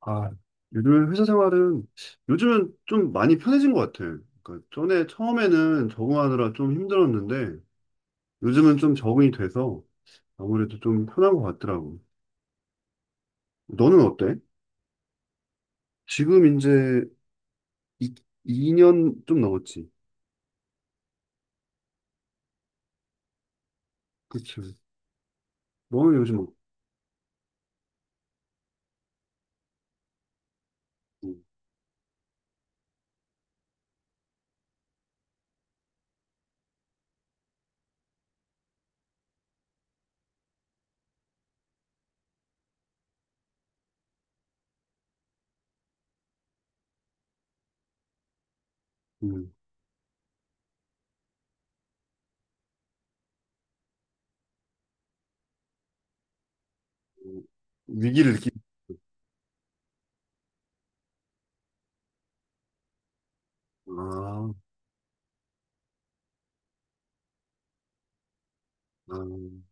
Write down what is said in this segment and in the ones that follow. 아, 요즘 회사 생활은 요즘은 좀 많이 편해진 것 같아요. 그러니까 전에 처음에는 적응하느라 좀 힘들었는데 요즘은 좀 적응이 돼서 아무래도 좀 편한 것 같더라고. 너는 어때? 지금 이제 이, 2년 좀 넘었지. 그치. 너는 요즘 뭐, 음, 음, 위기를 느끼. 아, 아,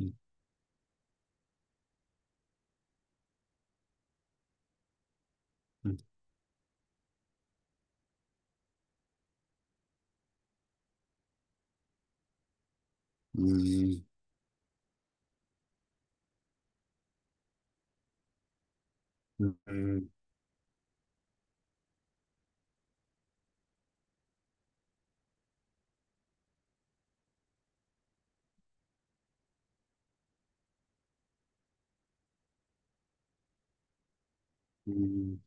음, 음, 음, 음. 음.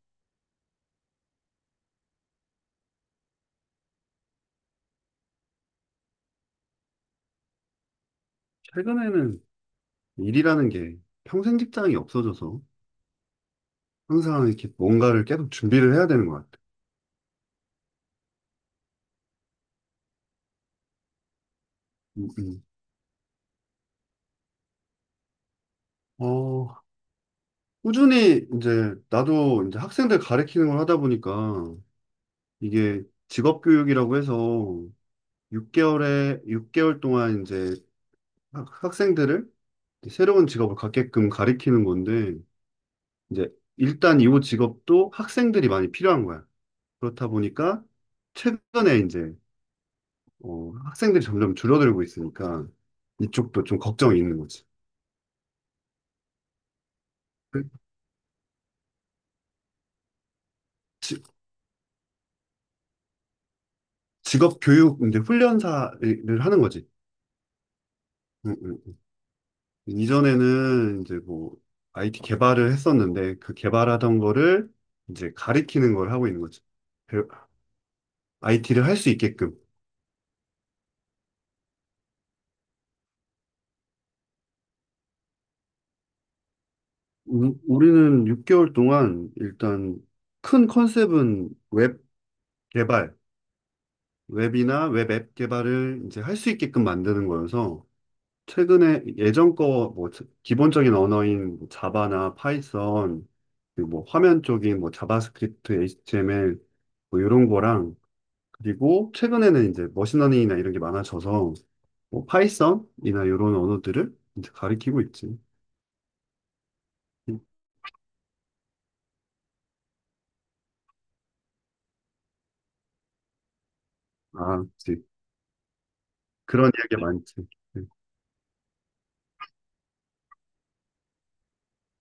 최근에는 일이라는 게 평생 직장이 없어져서. 항상 이렇게 뭔가를 계속 준비를 해야 되는 것 같아요. 음, 음. 어, 꾸준히 이제 나도 이제 학생들 가르치는 걸 하다 보니까 이게 직업교육이라고 해서 6개월에 6개월 동안 이제 학생들을 새로운 직업을 갖게끔 가르치는 건데 이제 일단 이 직업도 학생들이 많이 필요한 거야. 그렇다 보니까 최근에 이제 어, 학생들이 점점 줄어들고 있으니까 이쪽도 좀 걱정이 있는 거지. 그- 지- 직업 교육 이제 훈련사를 하는 거지. 응, 응. 이전에는 이제 뭐 IT 개발을 했었는데 그 개발하던 거를 이제 가리키는 걸 하고 있는 거지. IT를 할 수 있게끔. 우리는 6개월 동안 일단 큰 컨셉은 웹 개발, 웹이나 웹앱 개발을 이제 할 수 있게끔 만드는 거여서 최근에 예전 거 뭐 기본적인 언어인 뭐 자바나 파이썬 그리고 뭐 화면 쪽인 뭐 자바스크립트, HTML 뭐 이런 거랑 그리고 최근에는 이제 머신러닝이나 이런 게 많아져서 뭐 파이썬이나 이런 언어들을 이제 가리키고 있지. 아, 그치. 그런 이야기 많지. 네.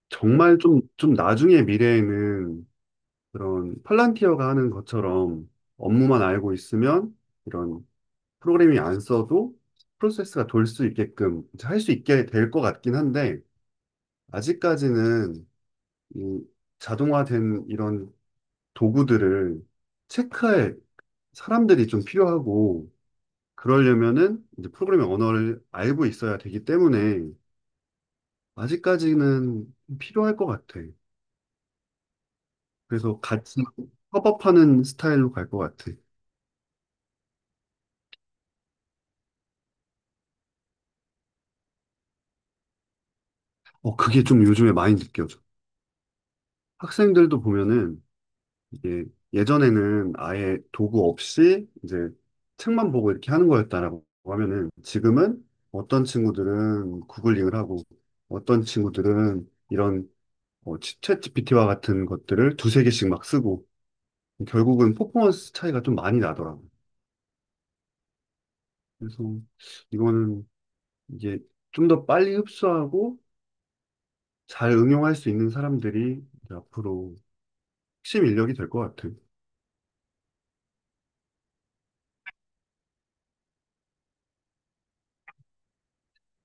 정말 좀, 좀 나중에 미래에는 그런 팔란티어가 하는 것처럼 업무만 알고 있으면 이런 프로그래밍 안 써도 프로세스가 돌 수 있게끔 할 수 있게 될 것 같긴 한데 아직까지는 이 자동화된 이런 도구들을 체크할 사람들이 좀 필요하고 그러려면은 이제 프로그래밍 언어를 알고 있어야 되기 때문에 아직까지는 필요할 것 같아. 그래서 같이 협업하는 스타일로 갈 것 같아. 어, 그게 좀 요즘에 많이 느껴져. 학생들도 보면은 이게 예전에는 아예 도구 없이 이제 책만 보고 이렇게 하는 거였다라고 하면은 지금은 어떤 친구들은 구글링을 하고 어떤 친구들은 이런 어, 챗 GPT와 같은 것들을 두세 개씩 막 쓰고 결국은 퍼포먼스 차이가 좀 많이 나더라고요. 그래서 이거는 이제 좀 더 빨리 흡수하고 잘 응용할 수 있는 사람들이 이제 앞으로 핵심 인력이 될 것 같아요.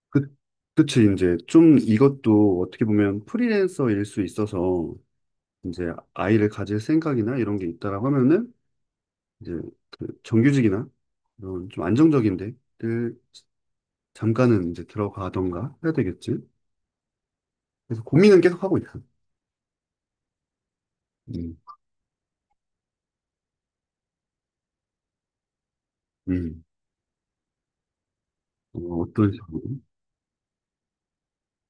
그, 그치, 이제 좀 이것도 어떻게 보면 프리랜서일 수 있어서 이제 아이를 가질 생각이나 이런 게 있다라고 하면은 이제 그 정규직이나 이런 좀 안정적인 데를 잠깐은 이제 들어가던가 해야 되겠지. 그래서 고민은 계속 하고 있어. 음, 음, 어, 어떤 식으로?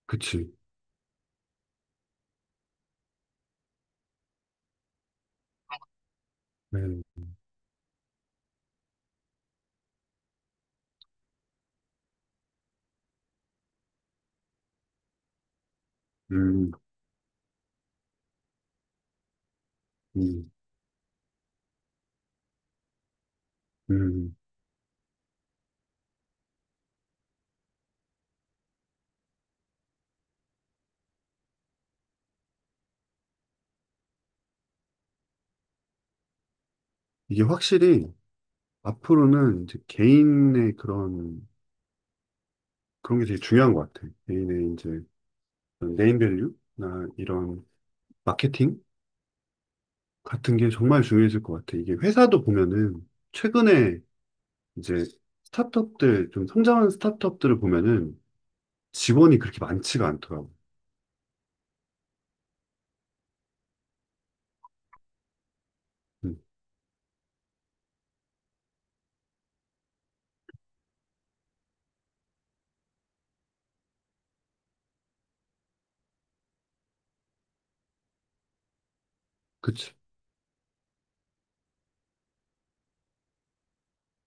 그치. 네. 음, 음, 음. 이게 확실히 앞으로는 이제 개인의 그런 그런 게 되게 중요한 것 같아. 개인의 이제 네임밸류나 이런 마케팅 같은 게 정말 중요해질 것 같아. 이게 회사도 보면은 최근에 이제 스타트업들 좀 성장하는 스타트업들을 보면은 직원이 그렇게 많지가 않더라고. 음, 그치,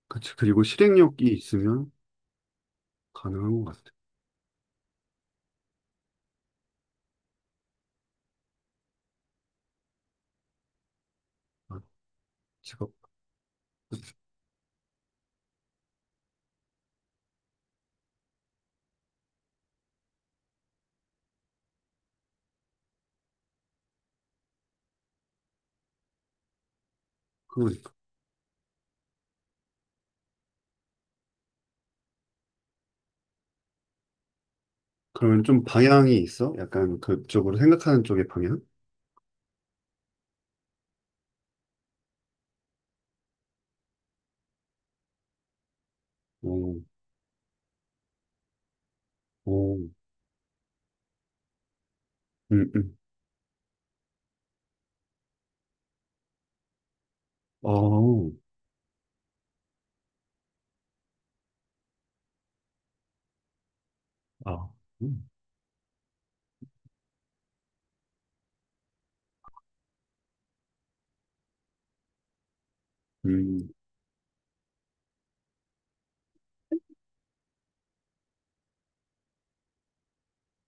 그치. 그리고 실행력이 있으면 가능한 것 같아. 아, 직업 그러니까. 그러면 좀 방향이 있어? 약간 그쪽으로 생각하는 쪽의 방향? 오, 오, 음, 음, 어, 아, 음, 음.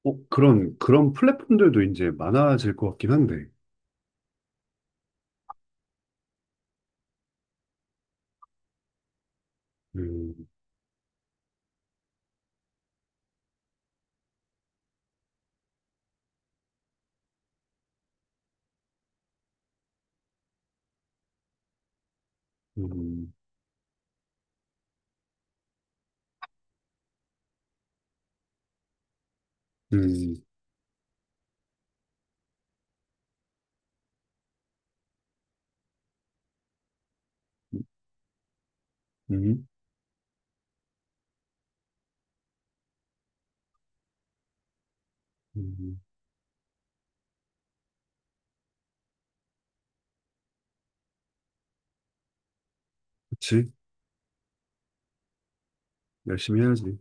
어, 그런 그런 플랫폼들도 이제 많아질 것 같긴 한데. 음, 음. 음, 음, 음, 그치. 열심히 해야지.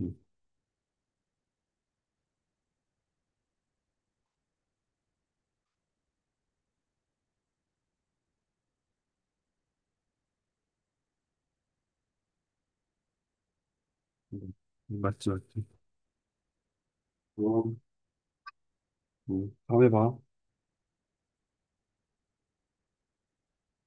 음, 음, 맞지, 맞지. 어, 다음에 봐.